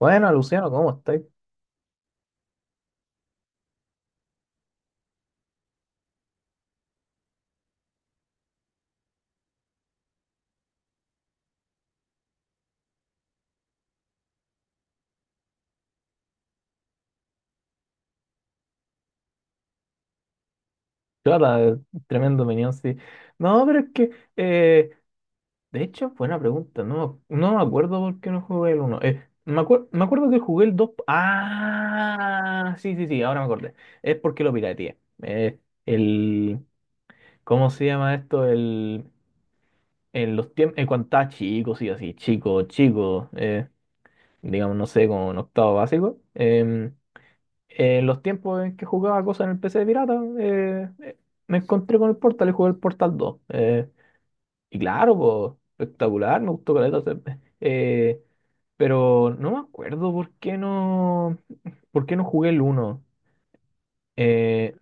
Bueno, Luciano, ¿cómo estáis? Claro, tremendo opinión, sí. No, pero es que, eh, de hecho, buena pregunta. No, no me acuerdo por qué no jugué el 1. Me acuerdo que jugué el 2. Ah, sí, sí, sí, ahora me acordé. Es porque lo pirateé. El, ¿Cómo se llama esto? En los tiempos, en cuando estaba chico, sí, así, chico, chico, digamos, no sé, como en octavo básico. En los tiempos en que jugaba cosas en el PC de pirata, me encontré con el Portal y jugué el Portal dos. Y claro, po, espectacular, me gustó caleta. Eh, pero no me acuerdo por qué no jugué el uno. Eh,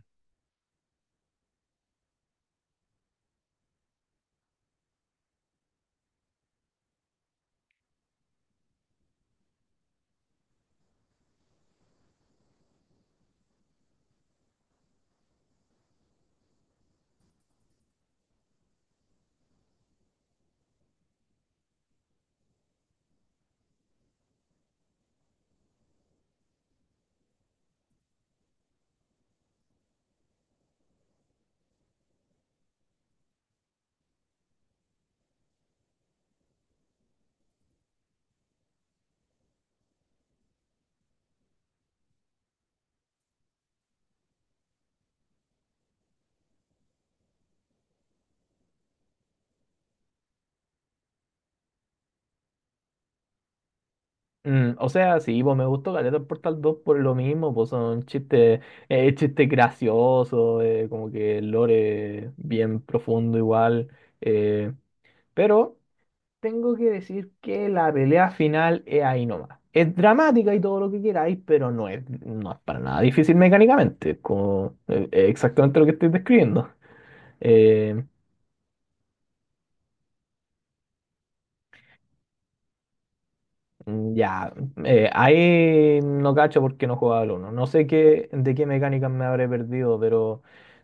mm, o sea, sí, pues me gustó caleta el Portal dos por lo mismo, pues son chistes, chistes graciosos, como que el lore bien profundo igual. eh, pero tengo que decir que la pelea final es ahí nomás. Es dramática y todo lo que queráis, pero no es para nada difícil mecánicamente. Es como, es exactamente lo que estoy describiendo. Eh, ya, ahí no cacho porque no jugaba al uno. No sé qué, de qué mecánicas me habré perdido,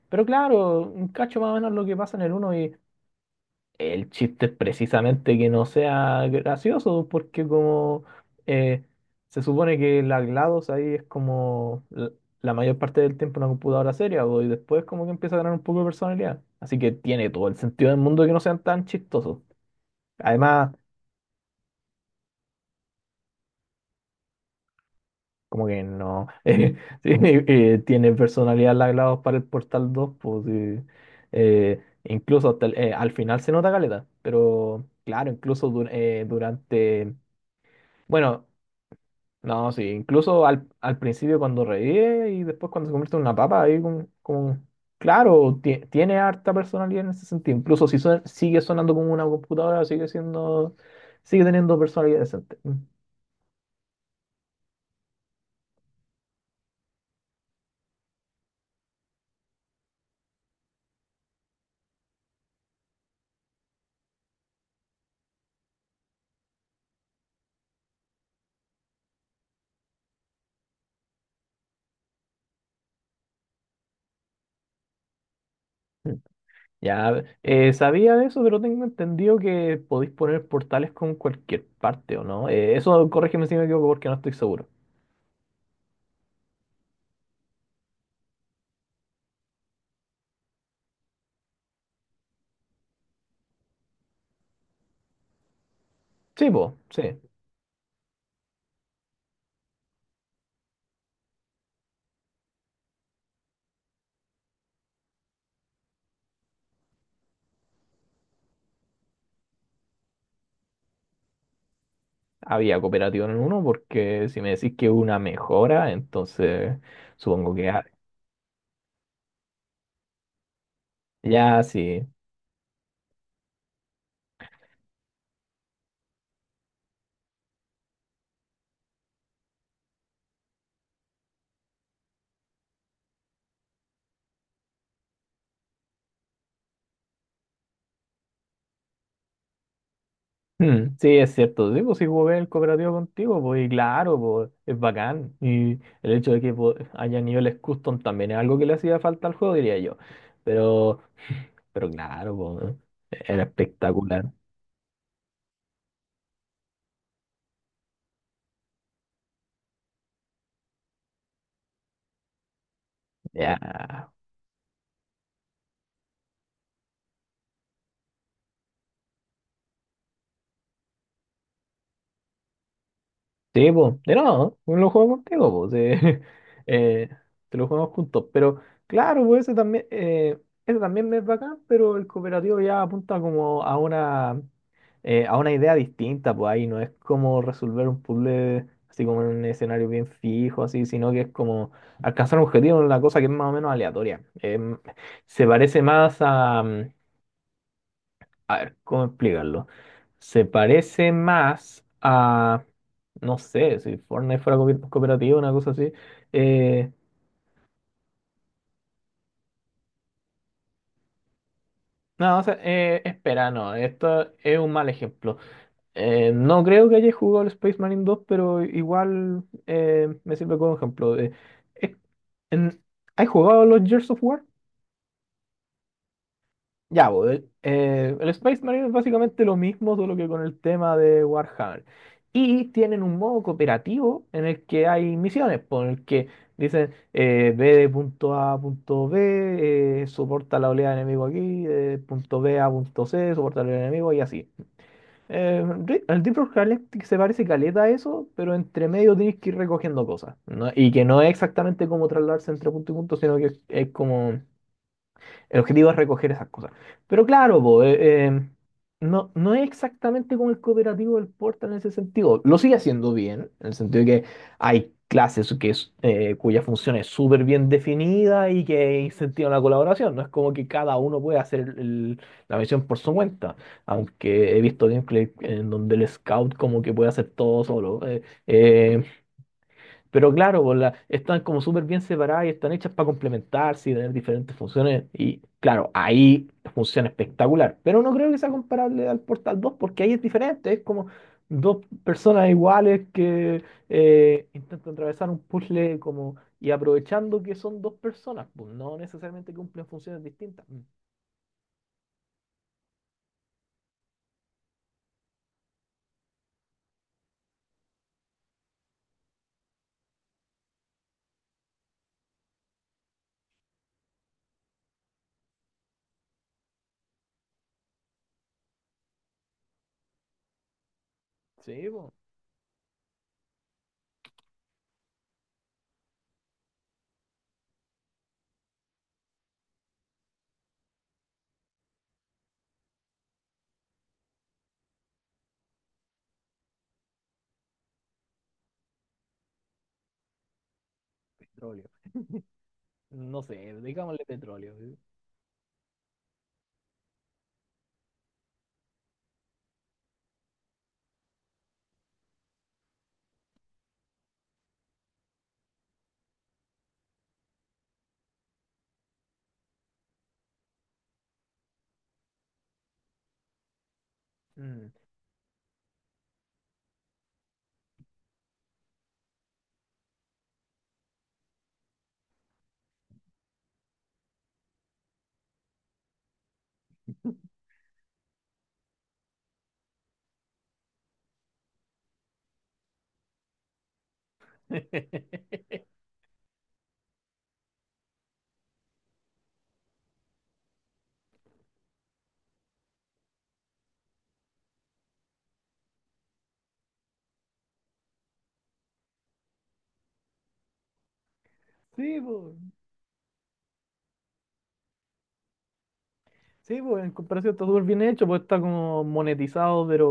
pero claro, cacho más o menos lo que pasa en el uno. El chiste es precisamente que no sea gracioso, porque como eh, se supone que la GLaDOS ahí es como la mayor parte del tiempo una computadora seria, bo, y después como que empieza a ganar un poco de personalidad. Así que tiene todo el sentido del mundo que no sean tan chistosos. Además, como que no. Sí, tiene personalidad la GLaDOS para el Portal dos pues sí. Incluso hasta al final se nota caleta, pero claro, incluso durante... Bueno. No, sí, incluso al principio cuando revive y después cuando se convierte en una papa, ahí claro, tiene harta personalidad en ese sentido. Incluso si sigue sonando como una computadora, sigue teniendo personalidad decente. Mm. Mm. Ya, sabía de eso, pero tengo entendido que podéis poner portales con cualquier parte, ¿o no? Eso, corrígeme si me equivoco porque no estoy seguro. Sí, pues, sí. ¿Había cooperativa en el uno? Porque si me decís que una mejora, entonces supongo que... ha- Ya, sí. Mm, sí, es cierto. Sí, pues si jugué el cooperativo contigo, pues y claro, pues es bacán. Y el hecho de que pues, haya niveles custom también es algo que le hacía falta al juego, diría yo. Pero, pero claro, pues, era espectacular. Ya. Sí, pues, de ¿no? lo juego contigo, pues, eh, te lo jugamos juntos, pero claro, pues ese también me es bacán, pero el cooperativo ya apunta como a a una idea distinta, pues ahí no es como resolver un puzzle así como en un escenario bien fijo, así, sino que es como alcanzar un objetivo en una cosa que es más o menos aleatoria. Em, se parece más a, a ver, ¿cómo explicarlo? Se parece más a, no sé, si Fortnite fuera cooperativo, una cosa así. Eh, no, o sea, espera, no, esto es un mal ejemplo. No creo que haya jugado al Space Marine dos, pero igual me sirve como ejemplo. Eh, en- ¿Has jugado los Gears of War? Ya, bo, el Space Marine es básicamente lo mismo, solo que con el tema de Warhammer. Y tienen un modo cooperativo en el que hay misiones, po, en el que dicen ve de punto A a punto B, soporta la oleada de enemigo aquí, de punto B a punto C, soporta la oleada de enemigo y así. El Deep Rock Galactic se parece caleta a eso, pero entre medio tienes que ir recogiendo cosas, ¿no? Y que no es exactamente como trasladarse entre punto y punto, sino que es como. El objetivo es recoger esas cosas. Pero claro, po, no es exactamente como el cooperativo del Portal en ese sentido. Lo sigue haciendo bien, en el sentido de que hay clases que es, cuya función es súper bien definida y que incentivan la colaboración. No es como que cada uno puede hacer la misión por su cuenta, aunque he visto gameplay en donde el scout como que puede hacer todo solo. Eh, pero claro, pues, están como súper bien separadas y están hechas para complementarse y tener diferentes funciones. Y claro, ahí funciona espectacular. Pero no creo que sea comparable al Portal dos porque ahí es diferente. Es como dos personas iguales que intentan atravesar un puzzle como y aprovechando que son dos personas, pues no necesariamente cumplen funciones distintas. Sí, pues, petróleo. No sé, digámosle petróleo. ¿Sí? Mm. Sí, pues. Sí, pues en comparación está súper bien hecho, pues está como monetizado, pero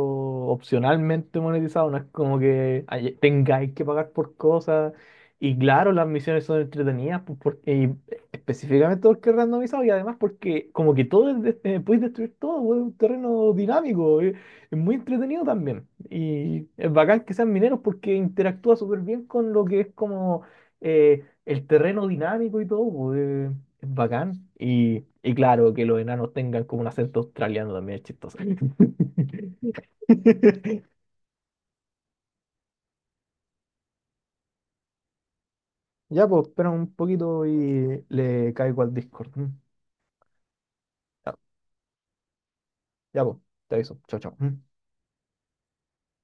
opcionalmente monetizado, no es como que tengáis que pagar por cosas. Y claro, las misiones son entretenidas, pues, porque, y específicamente porque es randomizado y además porque como que todo es podéis destruir todo, pues, es un terreno dinámico, muy entretenido también. Y es bacán que sean mineros porque interactúa súper bien con lo que es como eh, el terreno dinámico y todo, pues, es bacán. Y claro, que los enanos tengan como un acento australiano también es chistoso. Ya, pues, espera un poquito y le caigo al Discord. ¿M? Ya, ya, pues, te aviso. Chao, chao. ¿M?